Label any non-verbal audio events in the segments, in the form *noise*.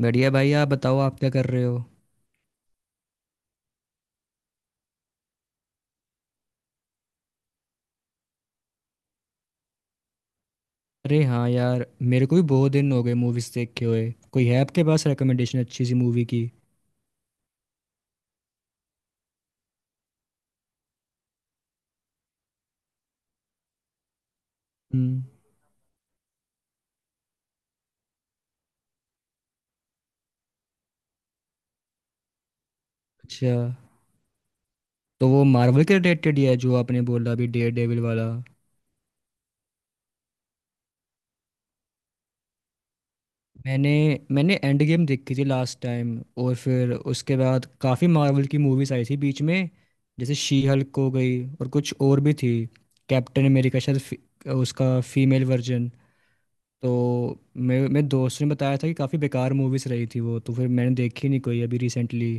बढ़िया भाई। आप बताओ, आप क्या कर रहे हो। अरे हाँ यार, मेरे को भी बहुत दिन हो गए मूवीज़ देखे हुए। कोई है आपके पास रिकमेंडेशन अच्छी सी मूवी की? हम्म। अच्छा, तो वो मार्वल के रिलेटेड ही है जो आपने बोला अभी डेयर डेविल वाला। मैंने मैंने एंड गेम देखी थी लास्ट टाइम, और फिर उसके बाद काफ़ी मार्वल की मूवीज़ आई थी बीच में। जैसे शी हल्क हो गई और कुछ और भी थी। कैप्टन अमेरिका शायद उसका फीमेल वर्जन। तो मेरे मेरे दोस्त ने बताया था कि काफ़ी बेकार मूवीज़ रही थी वो, तो फिर मैंने देखी नहीं कोई अभी रिसेंटली।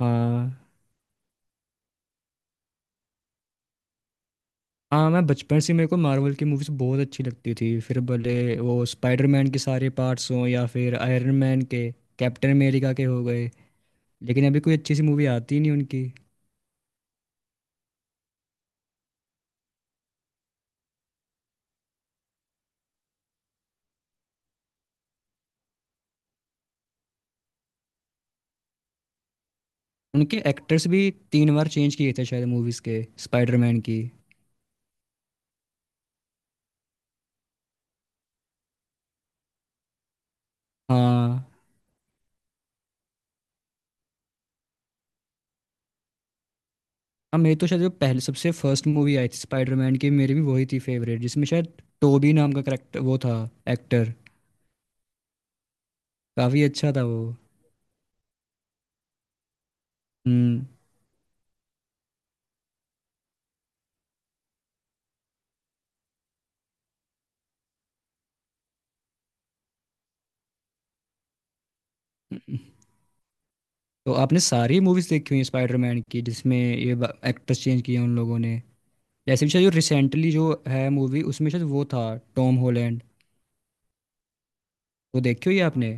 हाँ हाँ, मैं बचपन से, मेरे को मार्वल की मूवीज़ बहुत अच्छी लगती थी। फिर भले वो स्पाइडरमैन के सारे पार्ट्स हों या फिर आयरन मैन के, कैप्टन अमेरिका के हो गए। लेकिन अभी कोई अच्छी सी मूवी आती ही नहीं उनकी। उनके एक्टर्स भी तीन बार चेंज किए थे शायद मूवीज़ के स्पाइडरमैन की। हाँ हाँ, मेरी तो शायद जो पहले सबसे फर्स्ट मूवी आई थी स्पाइडरमैन की, मेरी भी वही थी फेवरेट, जिसमें शायद टोबी नाम का करेक्टर वो था, एक्टर। काफी अच्छा था वो। हम्म। तो आपने सारी मूवीज देखी हुई हैं स्पाइडरमैन की, जिसमें ये एक्टर्स चेंज किए हैं उन लोगों ने। जैसे भी शायद जो रिसेंटली जो है मूवी, उसमें शायद वो था टॉम हॉलैंड। वो देखी हुई है आपने?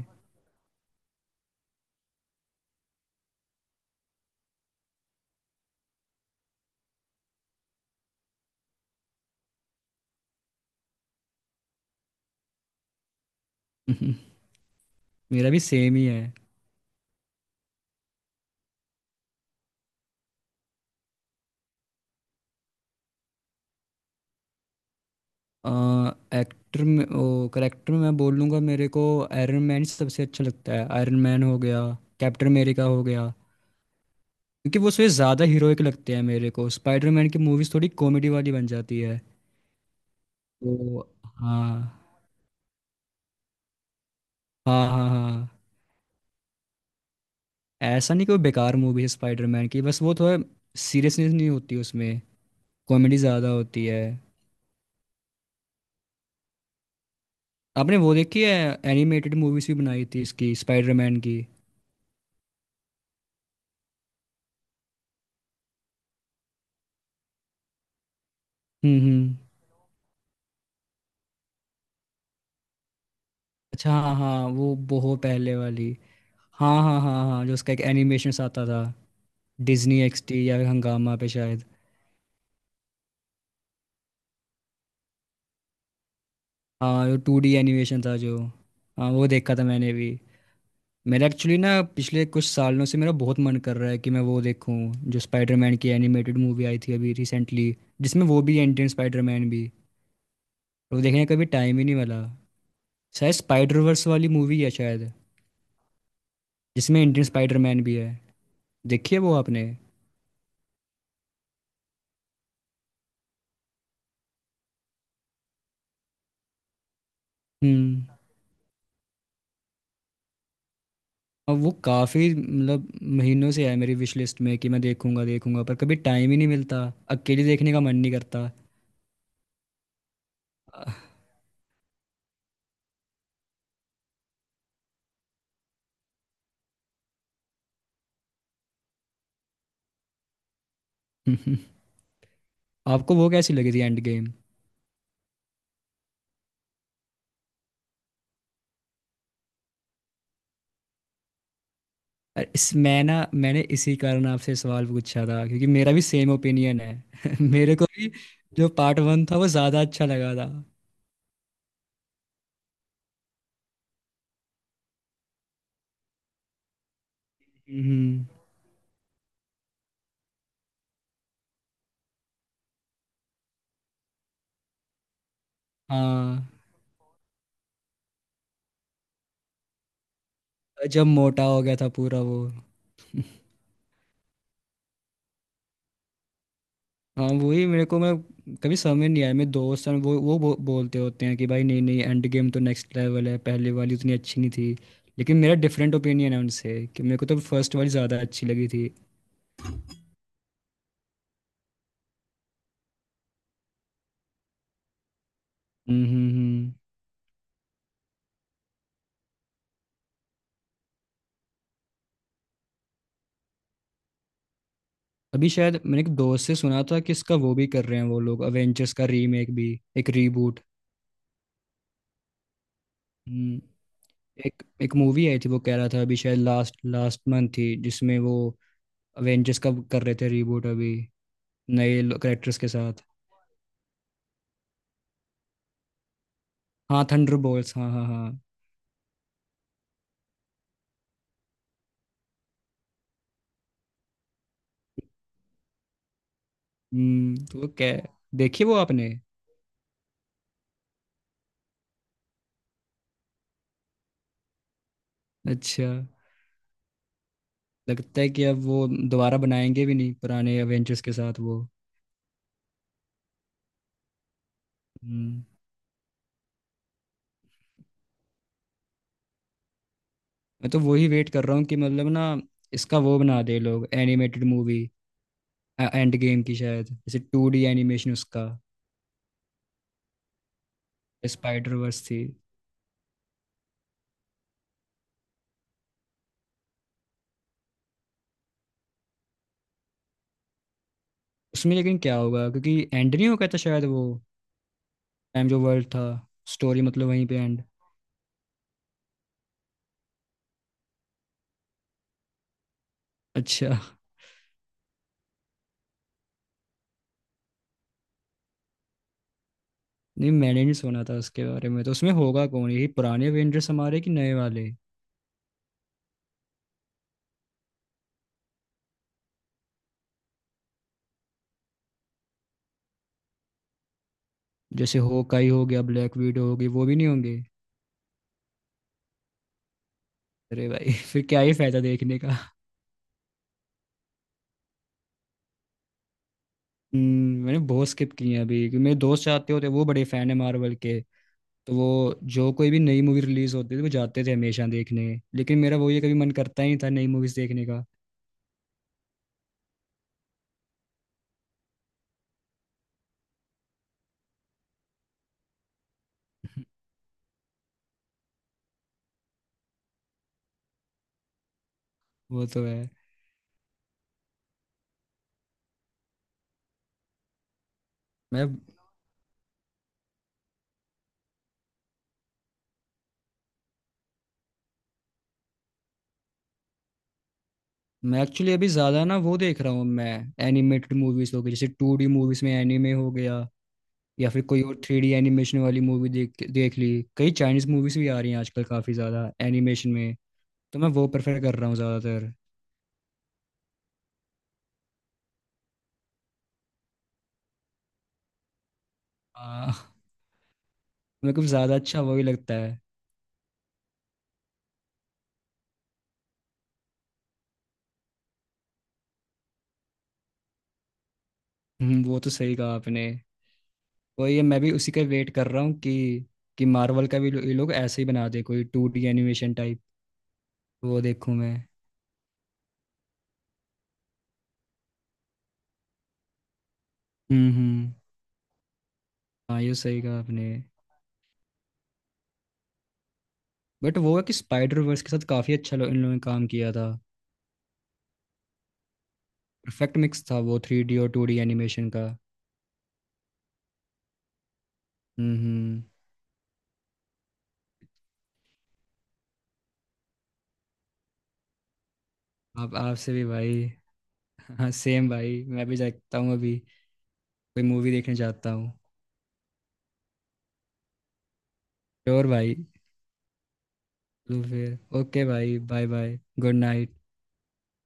*laughs* हम्म, मेरा भी सेम ही है। एक्टर में ओ करेक्टर में मैं बोल लूँगा, मेरे को आयरन मैन सबसे अच्छा लगता है। आयरन मैन हो गया, कैप्टन अमेरिका हो गया। क्योंकि वो उसमें ज़्यादा हीरोइक लगते हैं मेरे को। स्पाइडरमैन की मूवीज़ थोड़ी कॉमेडी वाली बन जाती है। तो हाँ हाँ हाँ हाँ, ऐसा नहीं कोई बेकार मूवी है स्पाइडरमैन की, बस वो थोड़ा सीरियसनेस नहीं होती उसमें, कॉमेडी ज़्यादा होती है। आपने वो देखी है, एनिमेटेड मूवीज़ भी बनाई थी इसकी स्पाइडरमैन की? हम्म। अच्छा हाँ हाँ, वो बहुत पहले वाली। हाँ हाँ हाँ हाँ, जो उसका एक एनिमेशन आता था डिज्नी एक्सटी या हंगामा पे शायद। हाँ, जो टू डी एनिमेशन था जो। हाँ वो देखा था मैंने भी। मेरा एक्चुअली ना पिछले कुछ सालों से मेरा बहुत मन कर रहा है कि मैं वो देखूं जो स्पाइडरमैन की एनिमेटेड मूवी आई थी अभी रिसेंटली, जिसमें वो भी एंटी स्पाइडरमैन भी। वो देखने का कभी टाइम ही नहीं मिला। शायद स्पाइडर वर्स वाली मूवी है शायद, जिसमें एंटी स्पाइडरमैन भी है। देखी है वो आपने? हम्म। और वो काफ़ी मतलब महीनों से है मेरी विश लिस्ट में कि मैं देखूंगा देखूंगा, पर कभी टाइम ही नहीं मिलता। अकेले देखने का मन नहीं करता। *laughs* आपको वो कैसी लगी थी एंड गेम? अरे इस, मैं ना मैंने इसी कारण आपसे सवाल पूछा था, क्योंकि मेरा भी सेम ओपिनियन है। *laughs* मेरे को भी जो पार्ट वन था वो ज़्यादा अच्छा लगा था। हम्म। हाँ, जब मोटा हो गया था पूरा वो। हाँ वही मेरे को, मैं कभी समझ नहीं आया। मेरे दोस्त हैं वो, बोलते होते हैं कि भाई नहीं नहीं एंड गेम तो नेक्स्ट लेवल है, पहले वाली उतनी अच्छी नहीं थी। लेकिन मेरा डिफरेंट ओपिनियन है उनसे कि मेरे को तो फर्स्ट वाली ज़्यादा अच्छी लगी थी। हम्म हम्म हम्म। अभी शायद मैंने एक दोस्त से सुना था कि इसका वो भी कर रहे हैं वो लोग, अवेंजर्स का रीमेक भी, एक रीबूट। हम्म, एक एक मूवी आई थी, वो कह रहा था अभी शायद लास्ट लास्ट मंथ थी जिसमें वो अवेंजर्स का कर रहे थे रीबूट अभी, नए करेक्टर्स के साथ। हाँ थंडर बोल्स, हाँ हाँ हाँ। हम्म, तो वो क्या, देखिए वो आपने? अच्छा, लगता है कि अब वो दोबारा बनाएंगे भी नहीं पुराने अवेंजर्स के साथ वो। हम्म, मैं तो वही वेट कर रहा हूँ कि मतलब ना, इसका वो बना दे लोग एनिमेटेड मूवी। एंड गेम की शायद जैसे टू डी एनिमेशन उसका, स्पाइडर वर्स थी। उसमें लेकिन क्या होगा, क्योंकि एंड नहीं हो गया था शायद वो टाइम, जो वर्ल्ड था, स्टोरी मतलब वहीं पे एंड। अच्छा, नहीं मैंने नहीं सुना था उसके बारे में। तो उसमें होगा कौन, यही पुराने एवेंजर्स हमारे कि नए वाले? जैसे होकाई हो गया, ब्लैक विडो होगी, वो भी नहीं होंगे? अरे भाई *laughs* फिर क्या ही फायदा देखने का। मैंने बहुत स्किप किए हैं अभी, क्योंकि मेरे दोस्त चाहते होते, वो बड़े फैन है मार्वल के, तो वो जो कोई भी नई मूवी रिलीज होती थी वो जाते थे हमेशा देखने। लेकिन मेरा वो ये कभी मन करता ही नहीं था नई मूवीज देखने का। वो तो है। मैं मैं एक्चुअली अभी ज्यादा ना वो देख रहा हूँ मैं, एनिमेटेड मूवीज हो गई, जैसे टू डी मूवीज में एनिमे हो गया, या फिर कोई और थ्री डी एनिमेशन वाली मूवी देख देख ली। कई चाइनीज मूवीज भी आ रही हैं आजकल काफी ज्यादा एनिमेशन में, तो मैं वो प्रेफर कर रहा हूँ ज्यादातर। हाँ, मेरे को ज्यादा अच्छा वही लगता है। वो तो सही कहा आपने। वही है, मैं भी उसी का वेट कर रहा हूँ कि मार्वल का भी ये लोग ऐसे ही बना दे कोई टू डी एनिमेशन टाइप, वो देखूँ मैं। हम्म। हाँ ये सही कहा आपने। बट वो है कि स्पाइडर वर्स के साथ काफ़ी अच्छा इन लोगों ने काम किया था। परफेक्ट मिक्स था वो थ्री डी और टू डी एनिमेशन का। हम्म। आप आपसे भी भाई, हाँ सेम भाई, मैं भी देखता हूँ अभी कोई मूवी देखने जाता हूँ। श्योर भाई। तो फिर ओके भाई, बाय बाय, गुड नाइट।